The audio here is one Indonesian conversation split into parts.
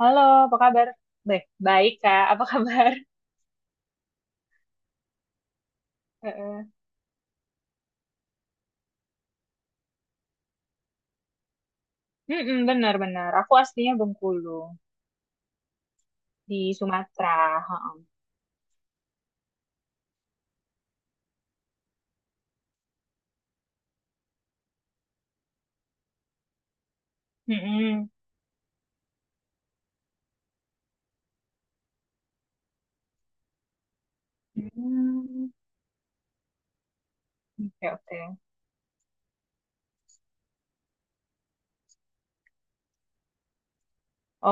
Halo, apa kabar? Baik, baik Kak. Apa kabar? Heeh. Mm-mm, benar-benar. Aku aslinya Bengkulu di Sumatera. Heeh. Mm-mm. Hmm. Oke, oke.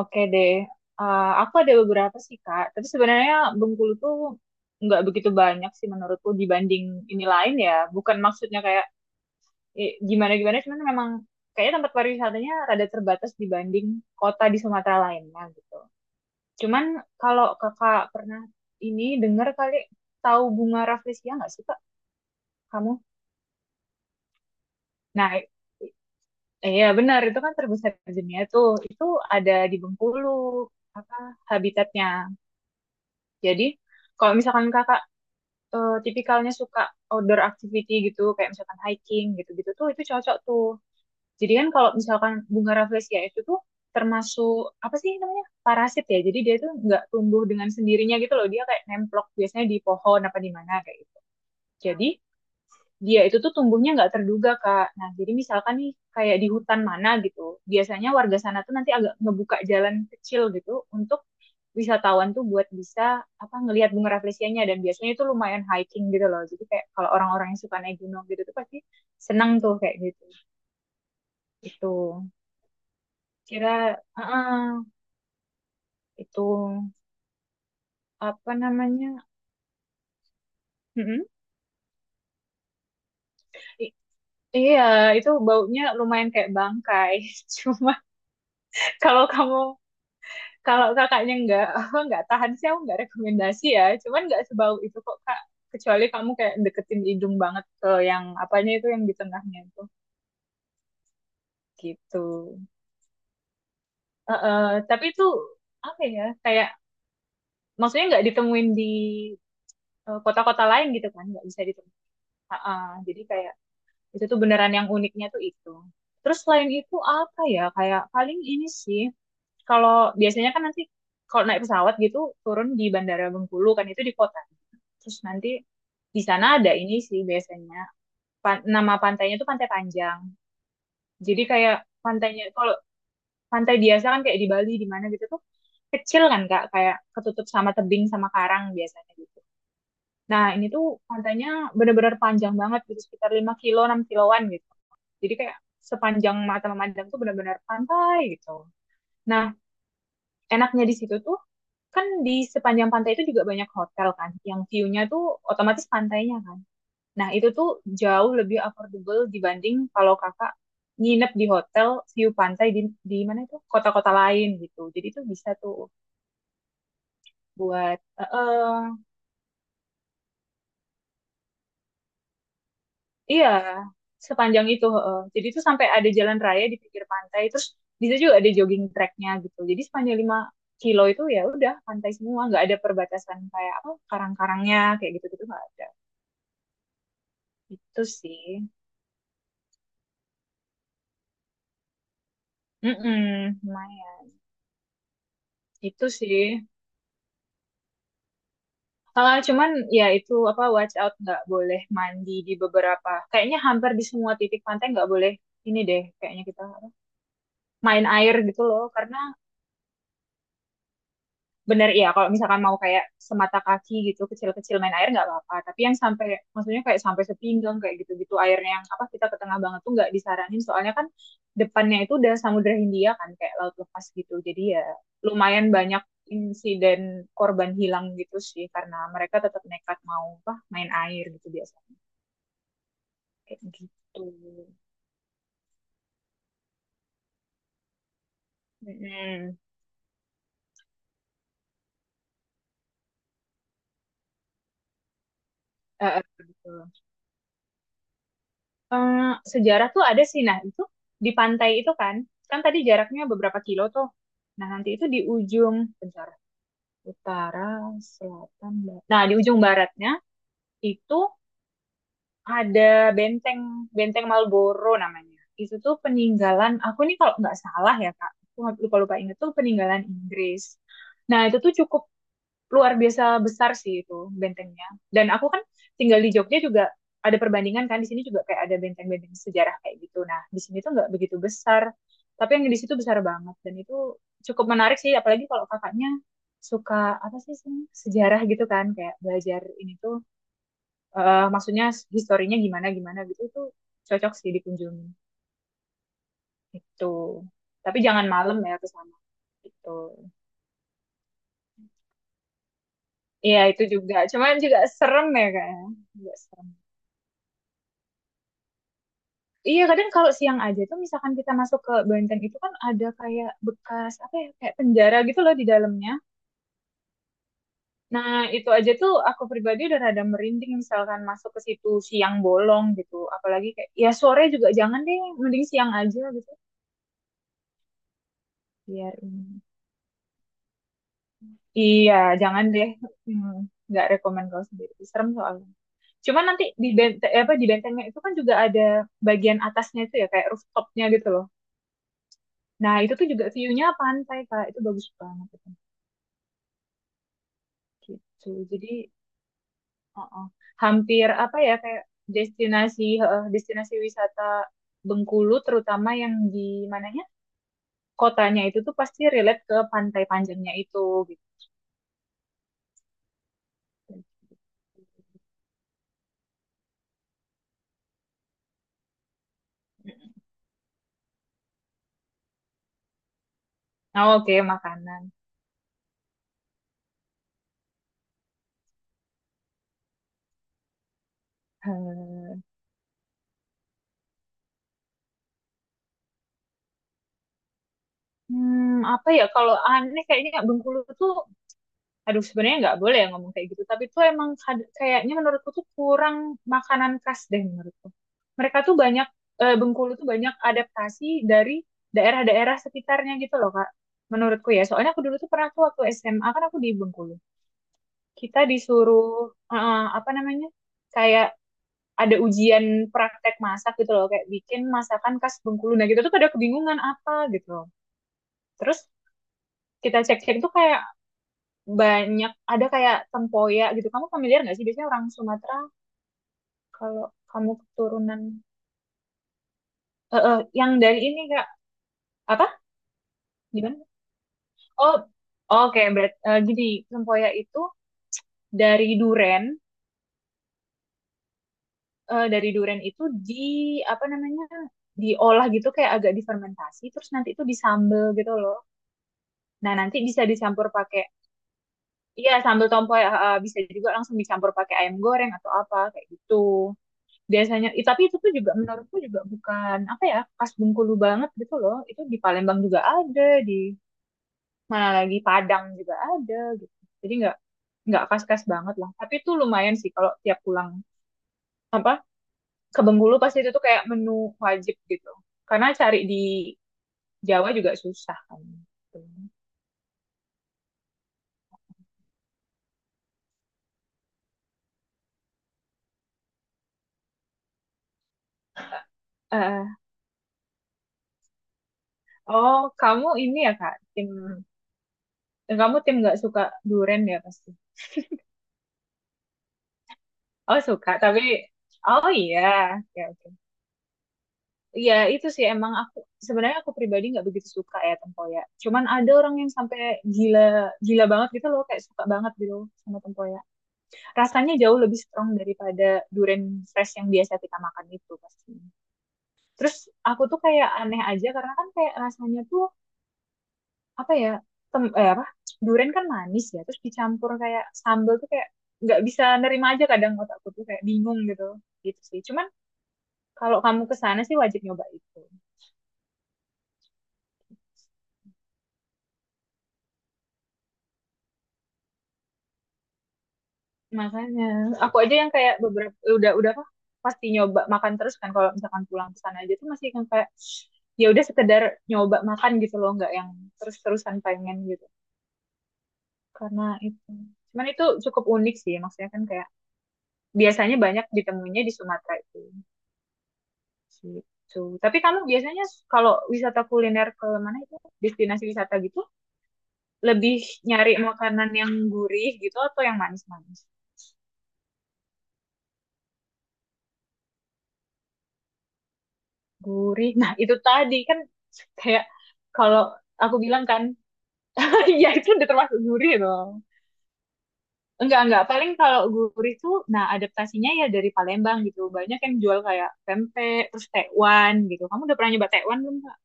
Oke deh. Aku ada beberapa sih Kak. Tapi sebenarnya Bengkulu tuh nggak begitu banyak sih menurutku dibanding ini lain ya. Bukan maksudnya kayak gimana-gimana, cuman memang kayaknya tempat pariwisatanya rada terbatas dibanding kota di Sumatera lainnya gitu. Cuman kalau kakak pernah ini dengar kali tahu bunga rafflesia nggak sih kak kamu? Nah, i- i- iya benar itu kan terbesar di dunia tuh. Itu ada di Bengkulu apa habitatnya. Jadi kalau misalkan kakak tipikalnya suka outdoor activity gitu kayak misalkan hiking gitu-gitu tuh itu cocok tuh. Jadi kan kalau misalkan bunga rafflesia itu tuh termasuk apa sih namanya parasit ya, jadi dia tuh nggak tumbuh dengan sendirinya gitu loh, dia kayak nemplok biasanya di pohon apa di mana kayak gitu. Jadi dia itu tuh tumbuhnya nggak terduga, Kak. Nah, jadi misalkan nih kayak di hutan mana gitu, biasanya warga sana tuh nanti agak ngebuka jalan kecil gitu untuk wisatawan tuh buat bisa apa ngelihat bunga rafflesianya, dan biasanya itu lumayan hiking gitu loh. Jadi kayak kalau orang-orang yang suka naik gunung gitu tuh pasti senang tuh kayak gitu. Itu kira, heeh, itu apa namanya? Mm-mm. I- Iya, itu baunya lumayan kayak bangkai. Cuma kalau kamu kalau kakaknya nggak nggak tahan sih, aku nggak rekomendasi ya, cuman nggak sebau itu kok kak, kecuali kamu kayak deketin hidung banget ke yang apanya itu yang di tengahnya itu gitu. Eh, eh, tapi itu apa ya kayak maksudnya nggak ditemuin di kota-kota lain gitu, kan nggak bisa ditemuin. Ah, ah, jadi kayak itu tuh beneran yang uniknya tuh itu. Terus selain itu apa ya? Kayak paling ini sih. Kalau biasanya kan nanti kalau naik pesawat gitu turun di Bandara Bengkulu kan itu di kota. Terus nanti di sana ada ini sih biasanya nama pantainya tuh Pantai Panjang. Jadi kayak pantainya kalau pantai biasa kan kayak di Bali di mana gitu tuh kecil kan Kak, kayak ketutup sama tebing sama karang biasanya gitu. Nah, ini tuh pantainya benar-benar panjang banget gitu, sekitar 5 kilo, 6 kiloan gitu. Jadi kayak sepanjang mata memandang tuh benar-benar pantai gitu. Nah, enaknya di situ tuh kan di sepanjang pantai itu juga banyak hotel kan, yang view-nya tuh otomatis pantainya kan. Nah, itu tuh jauh lebih affordable dibanding kalau kakak nginep di hotel view pantai di mana itu kota-kota lain gitu. Jadi tuh bisa tuh buat Iya, sepanjang itu. Heeh. Jadi itu sampai ada jalan raya di pinggir pantai, terus bisa juga ada jogging tracknya gitu. Jadi sepanjang 5 kilo itu ya udah pantai semua, nggak ada perbatasan kayak apa karang-karangnya kayak gitu-gitu nggak ada. Itu sih. Mm-mm, lumayan. Itu sih. Ah, cuman ya itu apa watch out nggak boleh mandi di beberapa. Kayaknya hampir di semua titik pantai nggak boleh ini deh. Kayaknya kita apa, main air gitu loh, karena bener ya kalau misalkan mau kayak semata kaki gitu kecil-kecil main air nggak apa-apa, tapi yang sampai maksudnya kayak sampai sepinggang kayak gitu-gitu airnya yang apa kita ke tengah banget tuh nggak disaranin, soalnya kan depannya itu udah Samudra Hindia kan kayak laut lepas gitu, jadi ya lumayan banyak insiden korban hilang gitu sih karena mereka tetap nekat mau apa main air gitu biasanya kayak gitu. Mm-mm. Eh, eh, gitu. Sejarah tuh ada sih. Nah, itu di pantai itu kan, kan tadi jaraknya beberapa kilo tuh. Nah, nanti itu di ujung, bentar, utara, selatan, barat. Nah, di ujung baratnya itu ada benteng, benteng Marlboro namanya. Itu tuh peninggalan, aku nih kalau nggak salah ya, Kak, aku lupa-lupa inget tuh peninggalan Inggris. Nah, itu tuh cukup luar biasa besar sih itu bentengnya. Dan aku kan tinggal di Jogja, juga ada perbandingan kan di sini juga kayak ada benteng-benteng sejarah kayak gitu. Nah, di sini tuh nggak begitu besar, tapi yang di situ besar banget, dan itu cukup menarik sih apalagi kalau kakaknya suka apa sih sih, sejarah gitu kan kayak belajar ini tuh maksudnya historinya gimana gimana gitu itu cocok sih dikunjungi itu. Tapi jangan malam ya ke sana gitu. Iya itu juga, cuman juga serem ya kayaknya, juga serem. Iya kadang kalau siang aja tuh misalkan kita masuk ke Banten itu kan ada kayak bekas apa ya kayak penjara gitu loh di dalamnya. Nah, itu aja tuh aku pribadi udah rada merinding misalkan masuk ke situ siang bolong gitu. Apalagi kayak ya sore juga jangan deh, mending siang aja gitu. Biar ini. Iya jangan deh. Hmm, nggak rekomend kalau sendiri, serem soalnya. Cuma nanti di benteng apa di bentengnya itu kan juga ada bagian atasnya itu ya kayak rooftopnya gitu loh. Nah itu tuh juga view-nya pantai kak itu bagus banget. Gitu. Jadi uh-uh. Hampir apa ya kayak destinasi destinasi wisata Bengkulu terutama yang di mananya kotanya itu tuh pasti relate ke pantai panjangnya itu gitu. Nah, oke, makanan. Hmm, hmm, apa ya kalau aneh kayaknya Bengkulu tuh aduh sebenarnya nggak boleh ya ngomong kayak gitu tapi tuh emang kayaknya menurutku tuh kurang makanan khas deh menurutku mereka tuh banyak Bengkulu tuh banyak adaptasi dari daerah-daerah sekitarnya gitu loh Kak, menurutku ya soalnya aku dulu tuh pernah tuh waktu SMA kan aku di Bengkulu kita disuruh apa namanya kayak ada ujian praktek masak gitu loh kayak bikin masakan khas Bengkulu, nah gitu tuh pada kebingungan apa gitu loh. Terus kita cek-cek tuh kayak banyak ada kayak tempoyak gitu. Kamu familiar nggak sih? Biasanya orang Sumatera kalau kamu keturunan yang dari ini Kak, apa? Gimana? Oh, oh, oke, berat gini, tempoyak itu dari duren, dari duren itu di apa namanya? Diolah gitu kayak agak difermentasi terus nanti itu disambel gitu loh. Nah, nanti bisa dicampur pakai iya sambel tempoyak bisa juga langsung dicampur pakai ayam goreng atau apa kayak gitu. Biasanya tapi itu tuh juga menurutku juga bukan apa ya khas Bengkulu banget gitu loh, itu di Palembang juga ada, di mana lagi Padang juga ada gitu, jadi nggak khas-khas banget lah tapi itu lumayan sih kalau tiap pulang apa ke Bengkulu pasti itu tuh kayak menu wajib gitu karena cari di Jawa juga susah kan gitu. Eh, oh, kamu ini ya kak, tim kamu tim nggak suka durian ya pasti, oh suka, tapi oh iya, oke oke. Iya itu sih emang aku sebenarnya aku pribadi nggak begitu suka ya tempoyak. Cuman ada orang yang sampai gila gila banget gitu loh kayak suka banget gitu sama tempoyak. Rasanya jauh lebih strong daripada durian fresh yang biasa kita makan itu pasti. Terus aku tuh kayak aneh aja karena kan kayak rasanya tuh apa ya apa durian kan manis ya terus dicampur kayak sambal tuh kayak nggak bisa nerima aja, kadang otakku tuh kayak bingung gitu, gitu sih. Cuman kalau kamu ke sana sih wajib nyoba itu. Makanya aku aja yang kayak beberapa udah apa pasti nyoba makan terus kan kalau misalkan pulang ke sana aja tuh masih kan kayak ya udah sekedar nyoba makan gitu loh nggak yang terus-terusan pengen gitu karena itu cuman itu cukup unik sih maksudnya kan kayak biasanya banyak ditemuinya di Sumatera itu gitu. Tapi kamu biasanya kalau wisata kuliner ke mana itu destinasi wisata gitu lebih nyari makanan yang gurih gitu atau yang manis-manis? Gurih. Nah, itu tadi kan kayak kalau aku bilang kan, ya itu udah termasuk gurih dong. Enggak, enggak. Paling kalau gurih tuh, nah adaptasinya ya dari Palembang gitu. Banyak yang jual kayak pempek, terus tekwan gitu. Kamu udah pernah nyoba tekwan belum, Kak?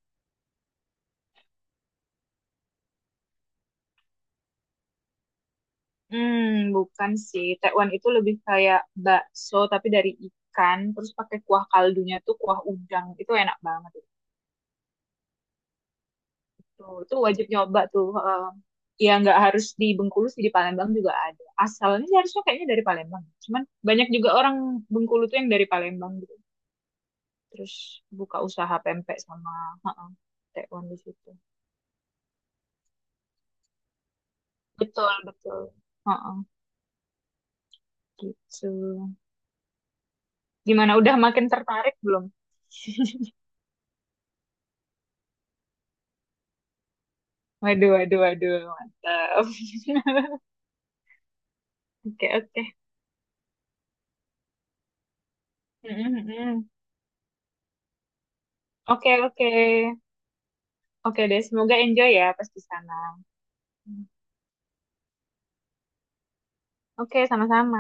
Hmm, bukan sih. Tekwan itu lebih kayak bakso tapi dari ikan. Terus pakai kuah kaldunya tuh kuah udang. Itu enak banget. Tuh, tuh wajib nyoba tuh. Heeh. Ya nggak harus di Bengkulu sih, di Palembang juga ada. Asalnya sih harusnya kayaknya dari Palembang. Cuman banyak juga orang Bengkulu tuh yang dari Palembang gitu. Terus buka usaha pempek sama, heeh, tekwan di situ. Betul, betul. Heeh, gitu. Gimana, udah makin tertarik belum? Waduh, waduh, waduh, mantap. Oke, oke. Mm, mm, mm. Oke, oke. Oke deh, semoga enjoy ya pas di sana. Oke, sama-sama.